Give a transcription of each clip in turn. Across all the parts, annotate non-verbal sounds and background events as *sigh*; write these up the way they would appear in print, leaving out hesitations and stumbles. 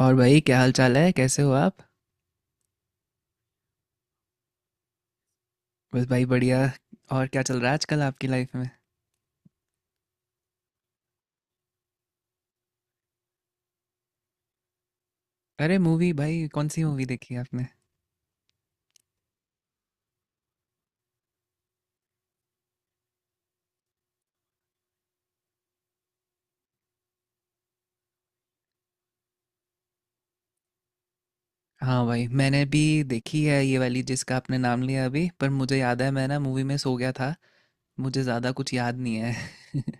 और भाई, क्या हाल चाल है? कैसे हो आप? बस भाई बढ़िया। और क्या चल रहा है आजकल आपकी लाइफ में? अरे मूवी! भाई कौन सी मूवी देखी आपने? हाँ भाई, मैंने भी देखी है ये वाली जिसका आपने नाम लिया अभी, पर मुझे याद है मैं ना मूवी में सो गया था। मुझे ज़्यादा कुछ याद नहीं है। *laughs*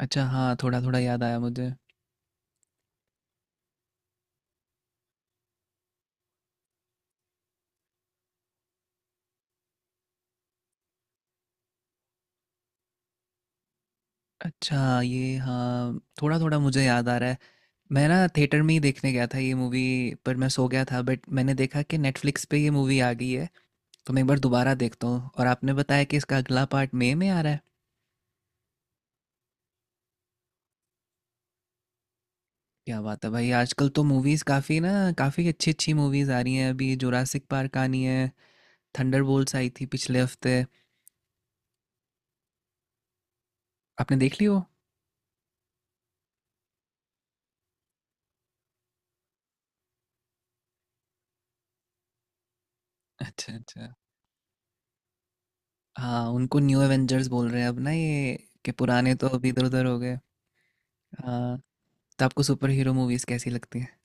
अच्छा हाँ, थोड़ा थोड़ा याद आया मुझे। अच्छा ये, हाँ थोड़ा थोड़ा मुझे याद आ रहा है। मैं ना थिएटर में ही देखने गया था ये मूवी, पर मैं सो गया था। बट मैंने देखा कि नेटफ्लिक्स पे ये मूवी आ गई है, तो मैं एक बार दोबारा देखता हूँ। और आपने बताया कि इसका अगला पार्ट मई में आ रहा है। क्या बात है भाई, आजकल तो मूवीज़ काफ़ी ना, काफ़ी अच्छी अच्छी मूवीज़ आ रही हैं। अभी जुरासिक पार्क आनी है। थंडरबोल्ट्स आई थी पिछले हफ्ते। आपने देख ली वो? अच्छा अच्छा। हाँ उनको न्यू एवेंजर्स बोल रहे हैं अब ना ये, कि पुराने तो अभी इधर उधर हो गए। हाँ। तो आपको सुपर हीरो मूवीज़ कैसी लगती हैं?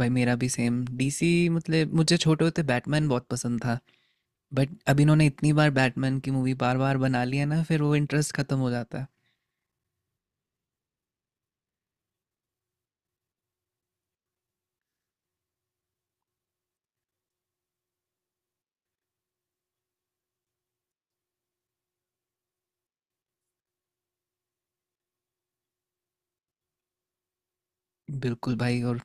भाई मेरा भी सेम, डीसी मतलब मुझे छोटे होते बैटमैन बहुत पसंद था, बट अब इन्होंने इतनी बार बैटमैन की मूवी बार बार बना ली है ना, फिर वो इंटरेस्ट खत्म हो जाता है। बिल्कुल भाई, और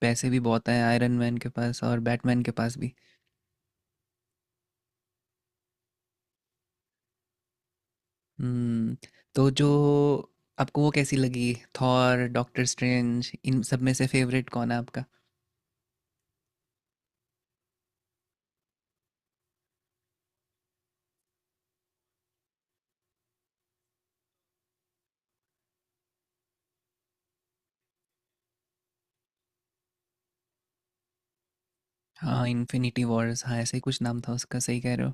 पैसे भी बहुत हैं आयरन मैन के पास और बैटमैन के पास भी। हम्म। तो जो आपको वो कैसी लगी, थॉर, डॉक्टर स्ट्रेंज, इन सब में से फेवरेट कौन है आपका? हाँ इन्फिनिटी वॉर्स, हाँ ऐसे ही कुछ नाम था उसका, सही कह रहे हो।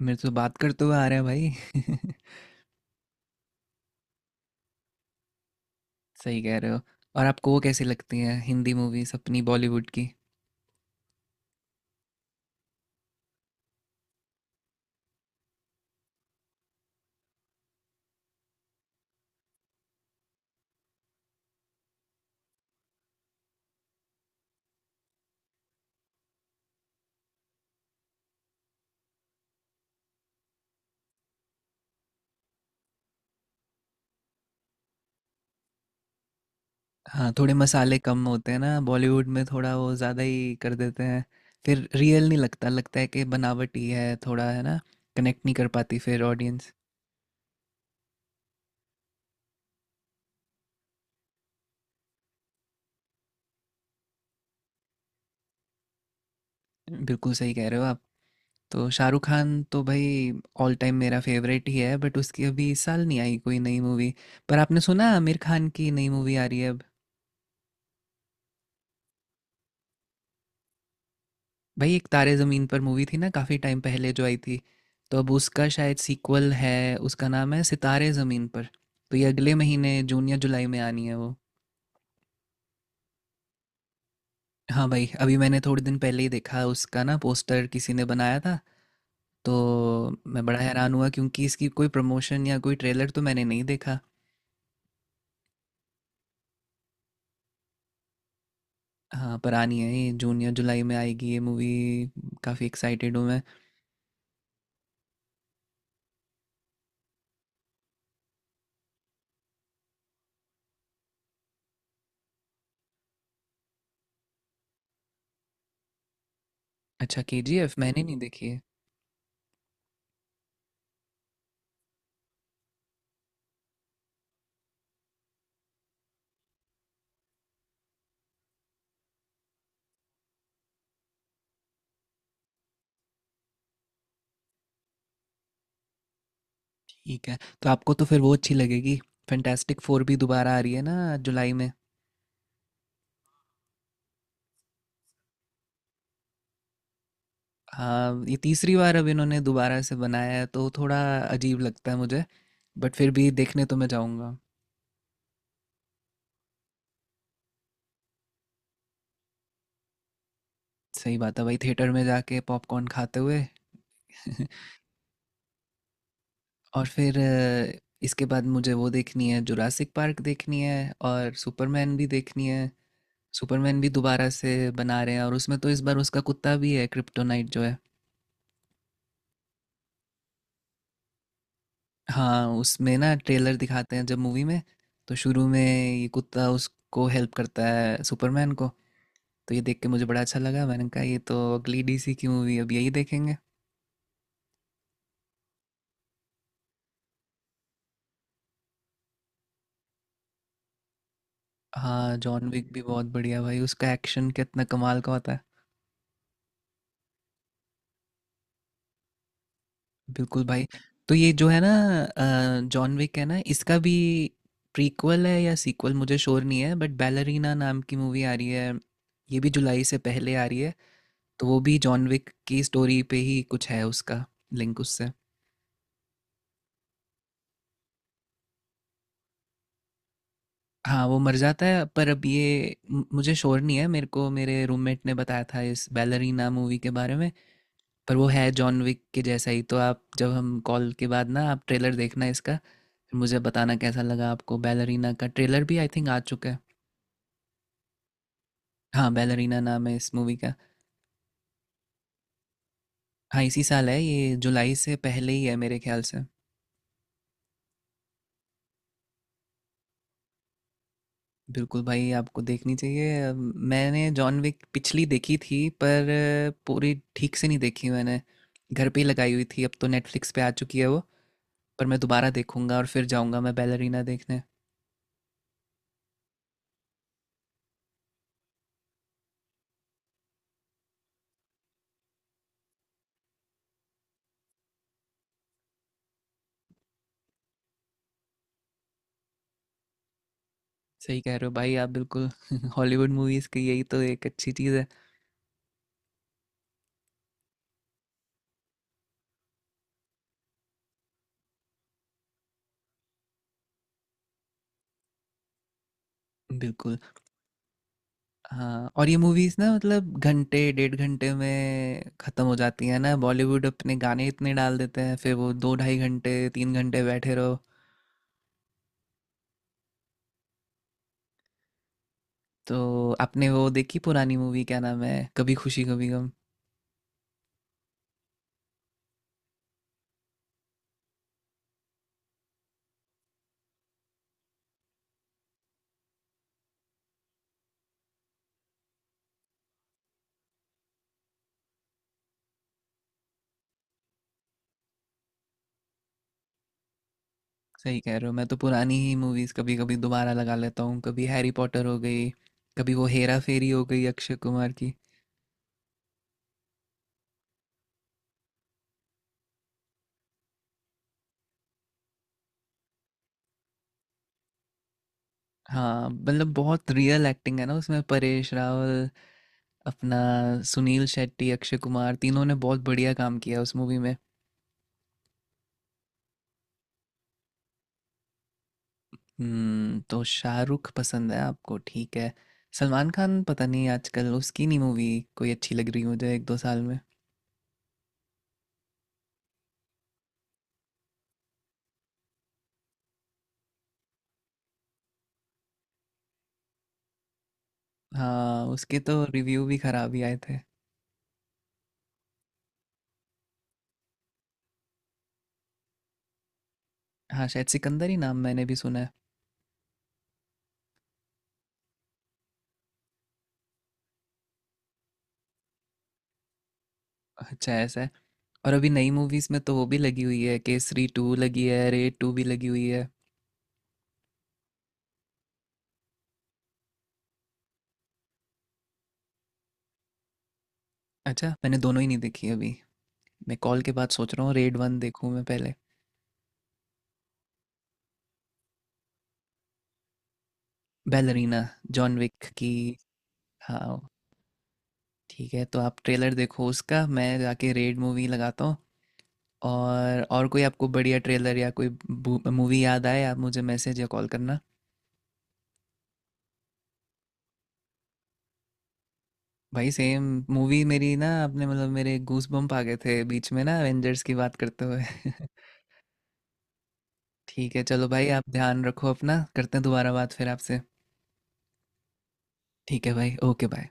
मेरे तो बात करते हुए आ रहा है भाई। *laughs* सही कह रहे हो। और आपको वो कैसी लगती हैं हिंदी मूवीज, अपनी बॉलीवुड की? हाँ थोड़े मसाले कम होते हैं ना बॉलीवुड में, थोड़ा वो ज़्यादा ही कर देते हैं। फिर रियल नहीं लगता, लगता है कि बनावटी है थोड़ा, है ना। कनेक्ट नहीं कर पाती फिर ऑडियंस। बिल्कुल सही कह रहे हो आप। तो शाहरुख खान तो भाई ऑल टाइम मेरा फेवरेट ही है, बट उसकी अभी इस साल नहीं आई कोई नई मूवी। पर आपने सुना आमिर खान की नई मूवी आ रही है अब? भाई, एक तारे ज़मीन पर मूवी थी ना, काफ़ी टाइम पहले जो आई थी, तो अब उसका शायद सीक्वल है। उसका नाम है सितारे ज़मीन पर। तो ये अगले महीने जून या जुलाई में आनी है वो। हाँ भाई, अभी मैंने थोड़े दिन पहले ही देखा उसका ना पोस्टर, किसी ने बनाया था। तो मैं बड़ा हैरान हुआ, क्योंकि इसकी कोई प्रमोशन या कोई ट्रेलर तो मैंने नहीं देखा। हाँ पर आनी है, ये जून या जुलाई में आएगी ये मूवी। काफ़ी एक्साइटेड हूँ मैं। अच्छा, केजीएफ मैंने नहीं देखी है। ठीक है, तो आपको तो फिर वो अच्छी लगेगी। फैंटास्टिक फोर भी दोबारा आ रही है ना जुलाई में। हाँ ये तीसरी बार अब इन्होंने दोबारा से बनाया है, तो थोड़ा अजीब लगता है मुझे। बट फिर भी देखने तो मैं जाऊँगा। सही बात है भाई, थिएटर में जाके पॉपकॉर्न खाते हुए। *laughs* और फिर इसके बाद मुझे वो देखनी है, जुरासिक पार्क देखनी है और सुपरमैन भी देखनी है। सुपरमैन भी दोबारा से बना रहे हैं, और उसमें तो इस बार उसका कुत्ता भी है, क्रिप्टोनाइट जो है। हाँ उसमें ना ट्रेलर दिखाते हैं, जब मूवी में तो शुरू में ये कुत्ता उसको हेल्प करता है सुपरमैन को। तो ये देख के मुझे बड़ा अच्छा लगा, मैंने कहा ये तो अगली डीसी की मूवी अब यही देखेंगे। हाँ जॉन विक भी बहुत बढ़िया भाई, उसका एक्शन कितना कमाल का होता है। बिल्कुल भाई। तो ये जो है ना, जॉन विक है ना, इसका भी प्रीक्वल है या सीक्वल मुझे श्योर नहीं है, बट बैलरीना नाम की मूवी आ रही है। ये भी जुलाई से पहले आ रही है। तो वो भी जॉन विक की स्टोरी पे ही कुछ है, उसका लिंक उससे। हाँ वो मर जाता है, पर अब ये मुझे श्योर नहीं है। मेरे को मेरे रूममेट ने बताया था इस बैलरीना मूवी के बारे में। पर वो है जॉन विक के जैसा ही, तो आप जब, हम कॉल के बाद ना, आप ट्रेलर देखना इसका, फिर मुझे बताना कैसा लगा आपको। बैलरीना का ट्रेलर भी आई थिंक आ चुका है। हाँ बैलरीना नाम है इस मूवी का। हाँ इसी साल है, ये जुलाई से पहले ही है मेरे ख्याल से। बिल्कुल भाई आपको देखनी चाहिए। मैंने जॉन विक पिछली देखी थी पर पूरी ठीक से नहीं देखी मैंने। घर पे ही लगाई हुई थी, अब तो नेटफ्लिक्स पे आ चुकी है वो। पर मैं दोबारा देखूंगा और फिर जाऊंगा मैं बैलरीना देखने। सही कह रहे हो भाई आप बिल्कुल। *laughs* हॉलीवुड मूवीज़ की यही तो एक अच्छी चीज़ है। बिल्कुल। हाँ और ये मूवीज़ ना, मतलब घंटे डेढ़ घंटे में ख़त्म हो जाती है ना, बॉलीवुड अपने गाने इतने डाल देते हैं फिर वो दो ढाई घंटे तीन घंटे बैठे रहो। तो आपने वो देखी पुरानी मूवी, क्या नाम है, कभी खुशी कभी गम? सही कह रहे हो, मैं तो पुरानी ही मूवीज़ कभी कभी दोबारा लगा लेता हूँ, कभी हैरी पॉटर हो गई, कभी वो हेरा फेरी हो गई अक्षय कुमार की। हाँ मतलब बहुत रियल एक्टिंग है ना उसमें, परेश रावल, अपना सुनील शेट्टी, अक्षय कुमार, तीनों ने बहुत बढ़िया काम किया उस मूवी में। हम्म। तो शाहरुख पसंद है आपको, ठीक है। सलमान खान पता नहीं, आजकल उसकी नहीं मूवी कोई अच्छी लग रही मुझे एक दो साल में। हाँ उसके तो रिव्यू भी खराब ही आए थे। हाँ शायद सिकंदर ही नाम, मैंने भी सुना है। अच्छा ऐसा है। और अभी नई मूवीज में तो वो भी लगी हुई है, केसरी टू लगी है, रेड टू भी लगी हुई है। अच्छा मैंने दोनों ही नहीं देखी अभी। मैं कॉल के बाद सोच रहा हूँ रेड वन देखूँ मैं पहले। बैलरीना, जॉन विक की। हाँ ठीक है, तो आप ट्रेलर देखो उसका, मैं जाके रेड मूवी लगाता हूँ। और कोई आपको बढ़िया ट्रेलर या कोई मूवी याद आए, आप मुझे मैसेज या कॉल करना। भाई सेम। मूवी मेरी ना, आपने मतलब, मेरे गूस बम्प आ गए थे बीच में ना एवेंजर्स की बात करते हुए। *laughs* ठीक है चलो भाई, आप ध्यान रखो अपना, करते हैं दोबारा बात फिर आपसे। ठीक है भाई, ओके बाय।